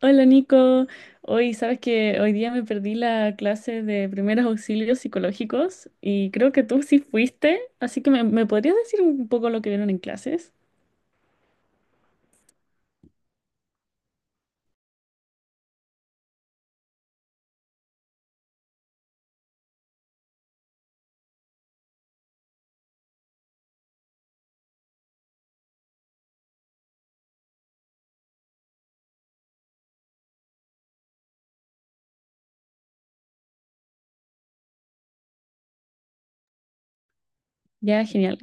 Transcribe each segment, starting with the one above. Hola Nico, hoy sabes que hoy día me perdí la clase de primeros auxilios psicológicos y creo que tú sí fuiste, así que me podrías decir un poco lo que vieron en clases. Ya, genial.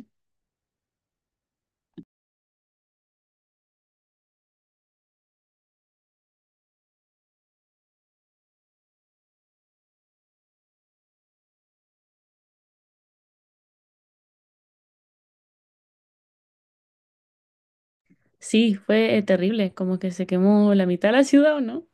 Sí, fue terrible, como que se quemó la mitad de la ciudad, ¿o no?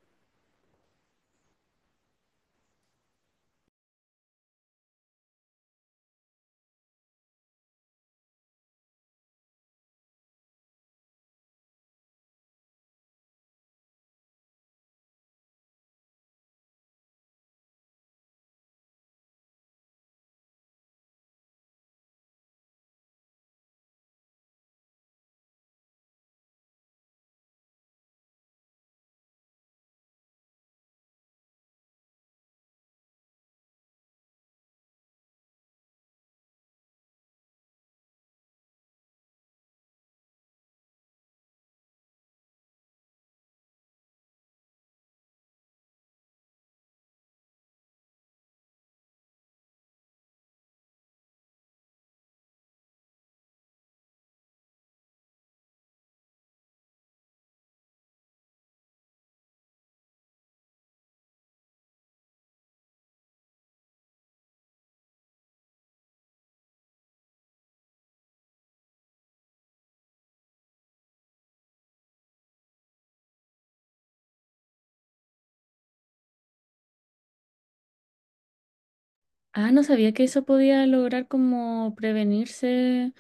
Ah, no sabía que eso podía lograr como prevenirse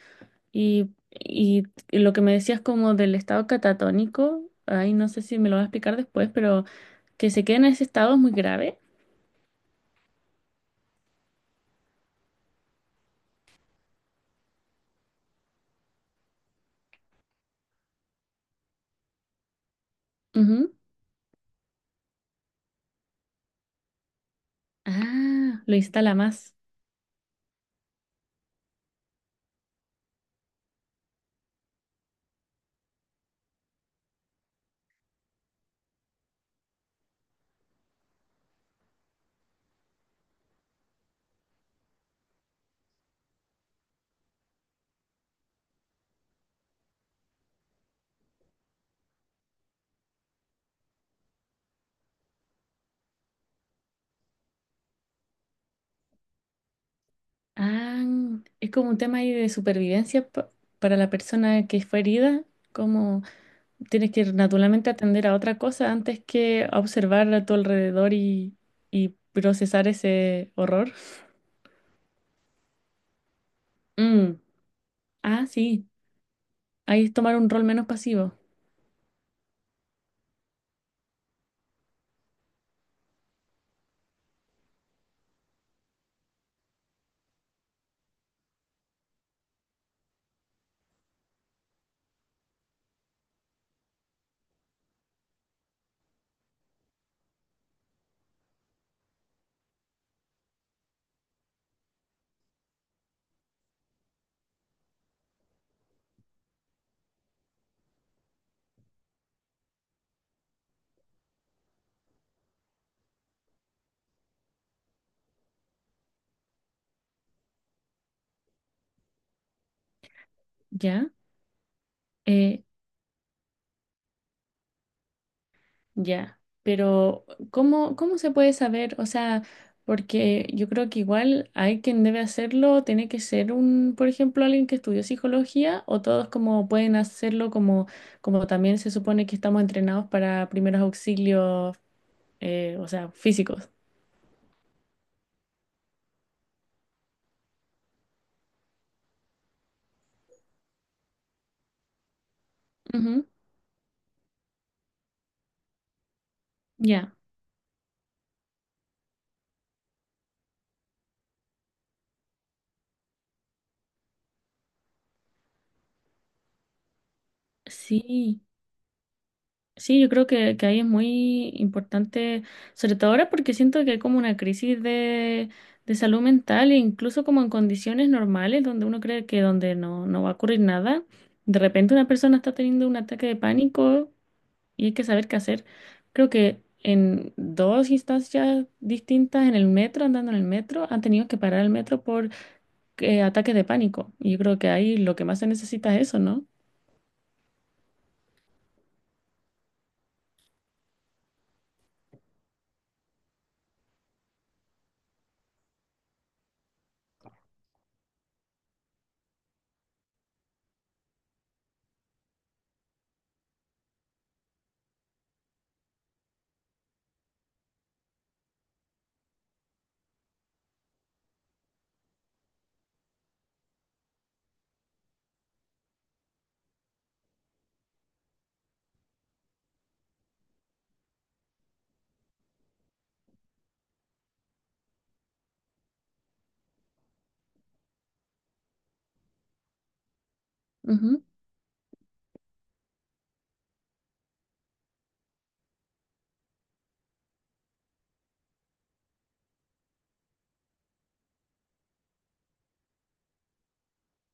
y lo que me decías como del estado catatónico, ay, no sé si me lo vas a explicar después, pero que se quede en ese estado es muy grave. Ujú. Ah, lo instala más. Ah, es como un tema ahí de supervivencia para la persona que fue herida, como tienes que naturalmente atender a otra cosa antes que a observar a tu alrededor y procesar ese horror. Mm. Ah, sí, ahí es tomar un rol menos pasivo, ¿ya? Eh, Ya, pero ¿cómo, cómo se puede saber? O sea, porque yo creo que igual hay quien debe hacerlo, tiene que ser un, por ejemplo, alguien que estudió psicología o todos como pueden hacerlo como, como también se supone que estamos entrenados para primeros auxilios, o sea, físicos. Ujú. Ya. Sí. Sí, yo creo que ahí es muy importante, sobre todo ahora porque siento que hay como una crisis de salud mental e incluso como en condiciones normales donde uno cree que donde no va a ocurrir nada, de repente una persona está teniendo un ataque de pánico y hay que saber qué hacer. Creo que en dos instancias distintas en el metro, andando en el metro, han tenido que parar el metro por ataques de pánico. Y yo creo que ahí lo que más se necesita es eso, ¿no? Ujú,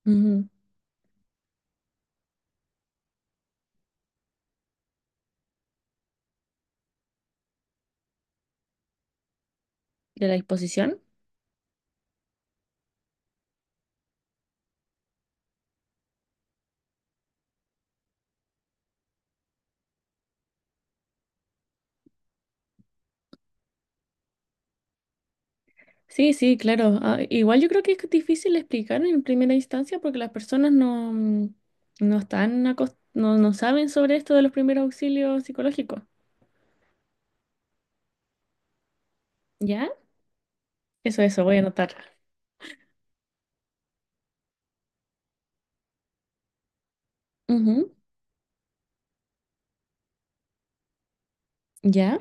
ujú. De la exposición. Sí, sí, claro. Ah, igual yo creo que es difícil explicar en primera instancia porque las personas no no saben sobre esto de los primeros auxilios psicológicos. ¿Ya? Eso, voy a anotar. Ujú. ¿Ya?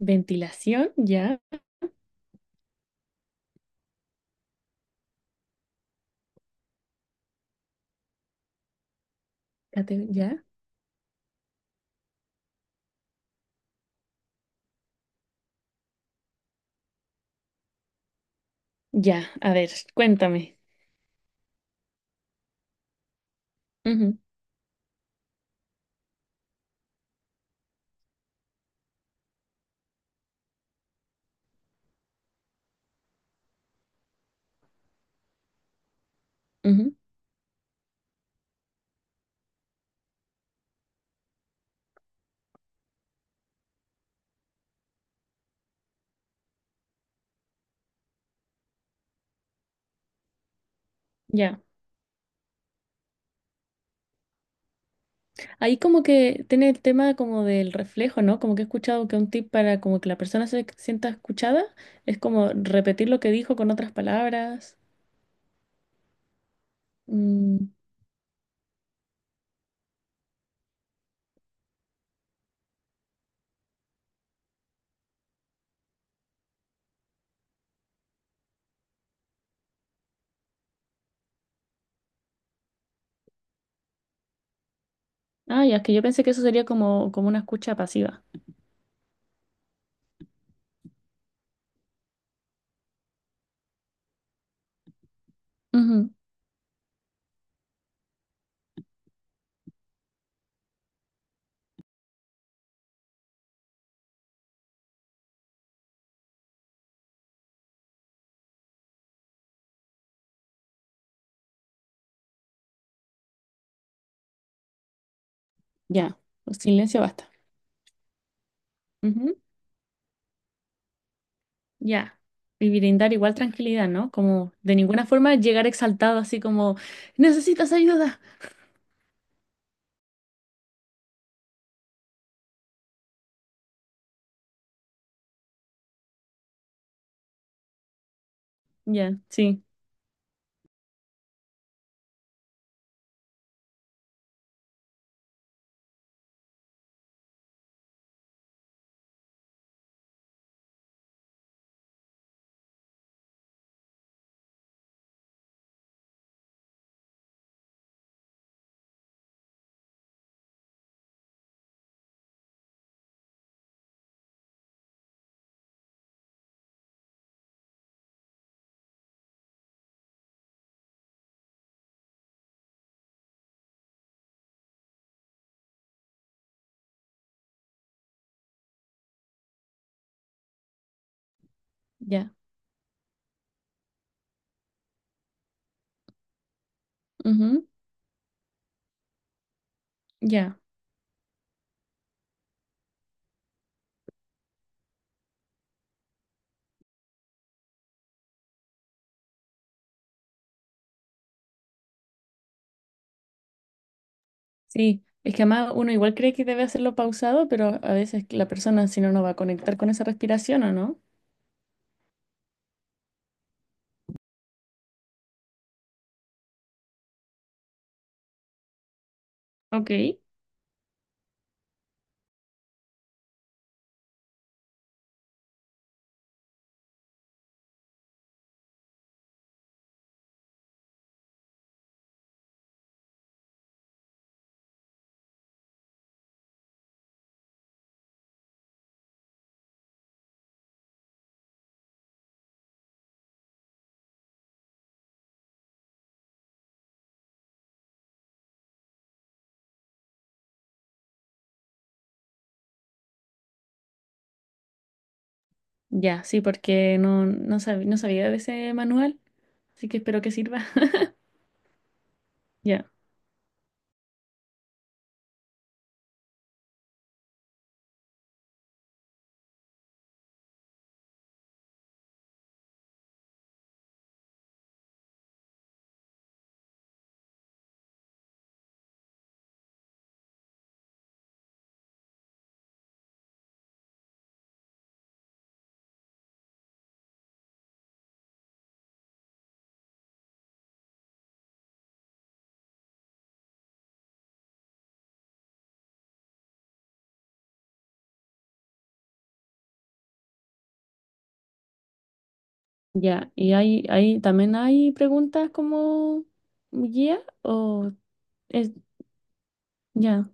Ventilación, ya. Ya. Ya. A ver, cuéntame. Ujú, ujú, ya. Ahí como que tiene el tema como del reflejo, ¿no? Como que he escuchado que un tip para como que la persona se sienta escuchada es como repetir lo que dijo con otras palabras. Mm. Ah, ya, es que yo pensé que eso sería como, como una escucha pasiva. Ujú. Ya, pues silencio basta. Ujú. Ya. Y brindar igual tranquilidad, ¿no? Como de ninguna forma llegar exaltado así como, necesitas ayuda. Ya, sí, ya. Ujú. Ya, sí. Es que además uno igual cree que debe hacerlo pausado, pero a veces la persona si no, no va a conectar con esa respiración o no. Ok. Ya, sí, porque no sabía de ese manual, así que espero que sirva. Ya. Ya, y también hay preguntas como guía o es, ya,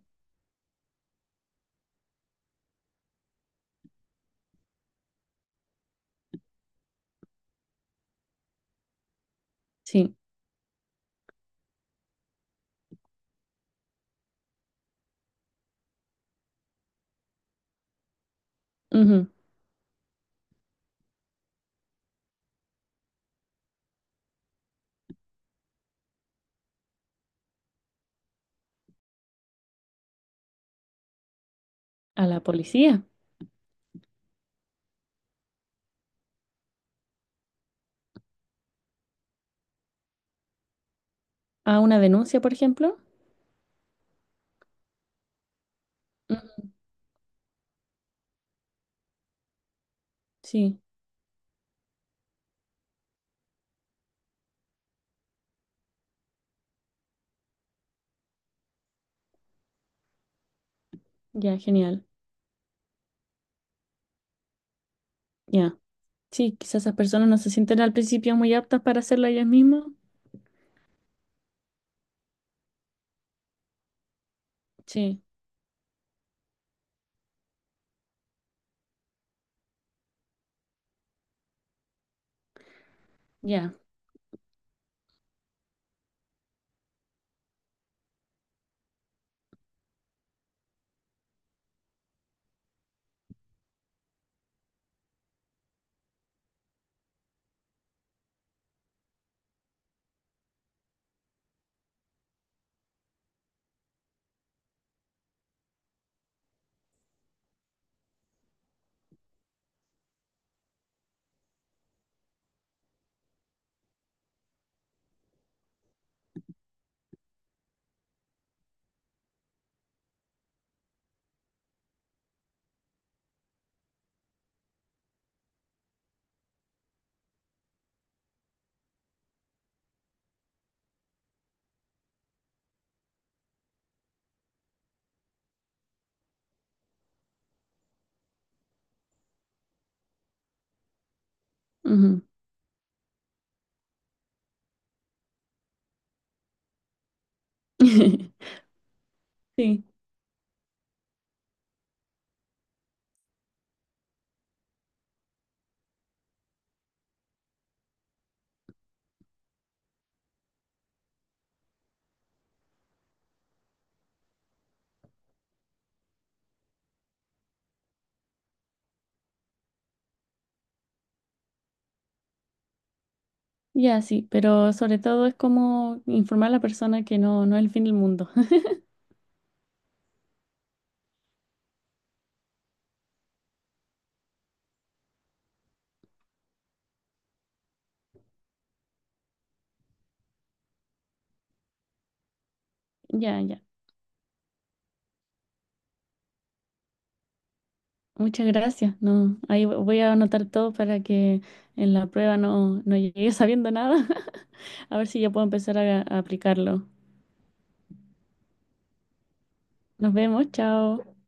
sí, ujú. A la policía, a una denuncia, por ejemplo. Ujú. Sí, ya, genial, ya. Sí, quizás esas personas no se sienten al principio muy aptas para hacerlo ellas mismas. Sí, ya, ujú. Sí, ya, sí, pero sobre todo es como informar a la persona que no es el fin del mundo. Ya, ya. Muchas gracias. No, ahí voy a anotar todo para que en la prueba no llegue sabiendo nada. A ver si ya puedo empezar a aplicarlo. Nos vemos, chao.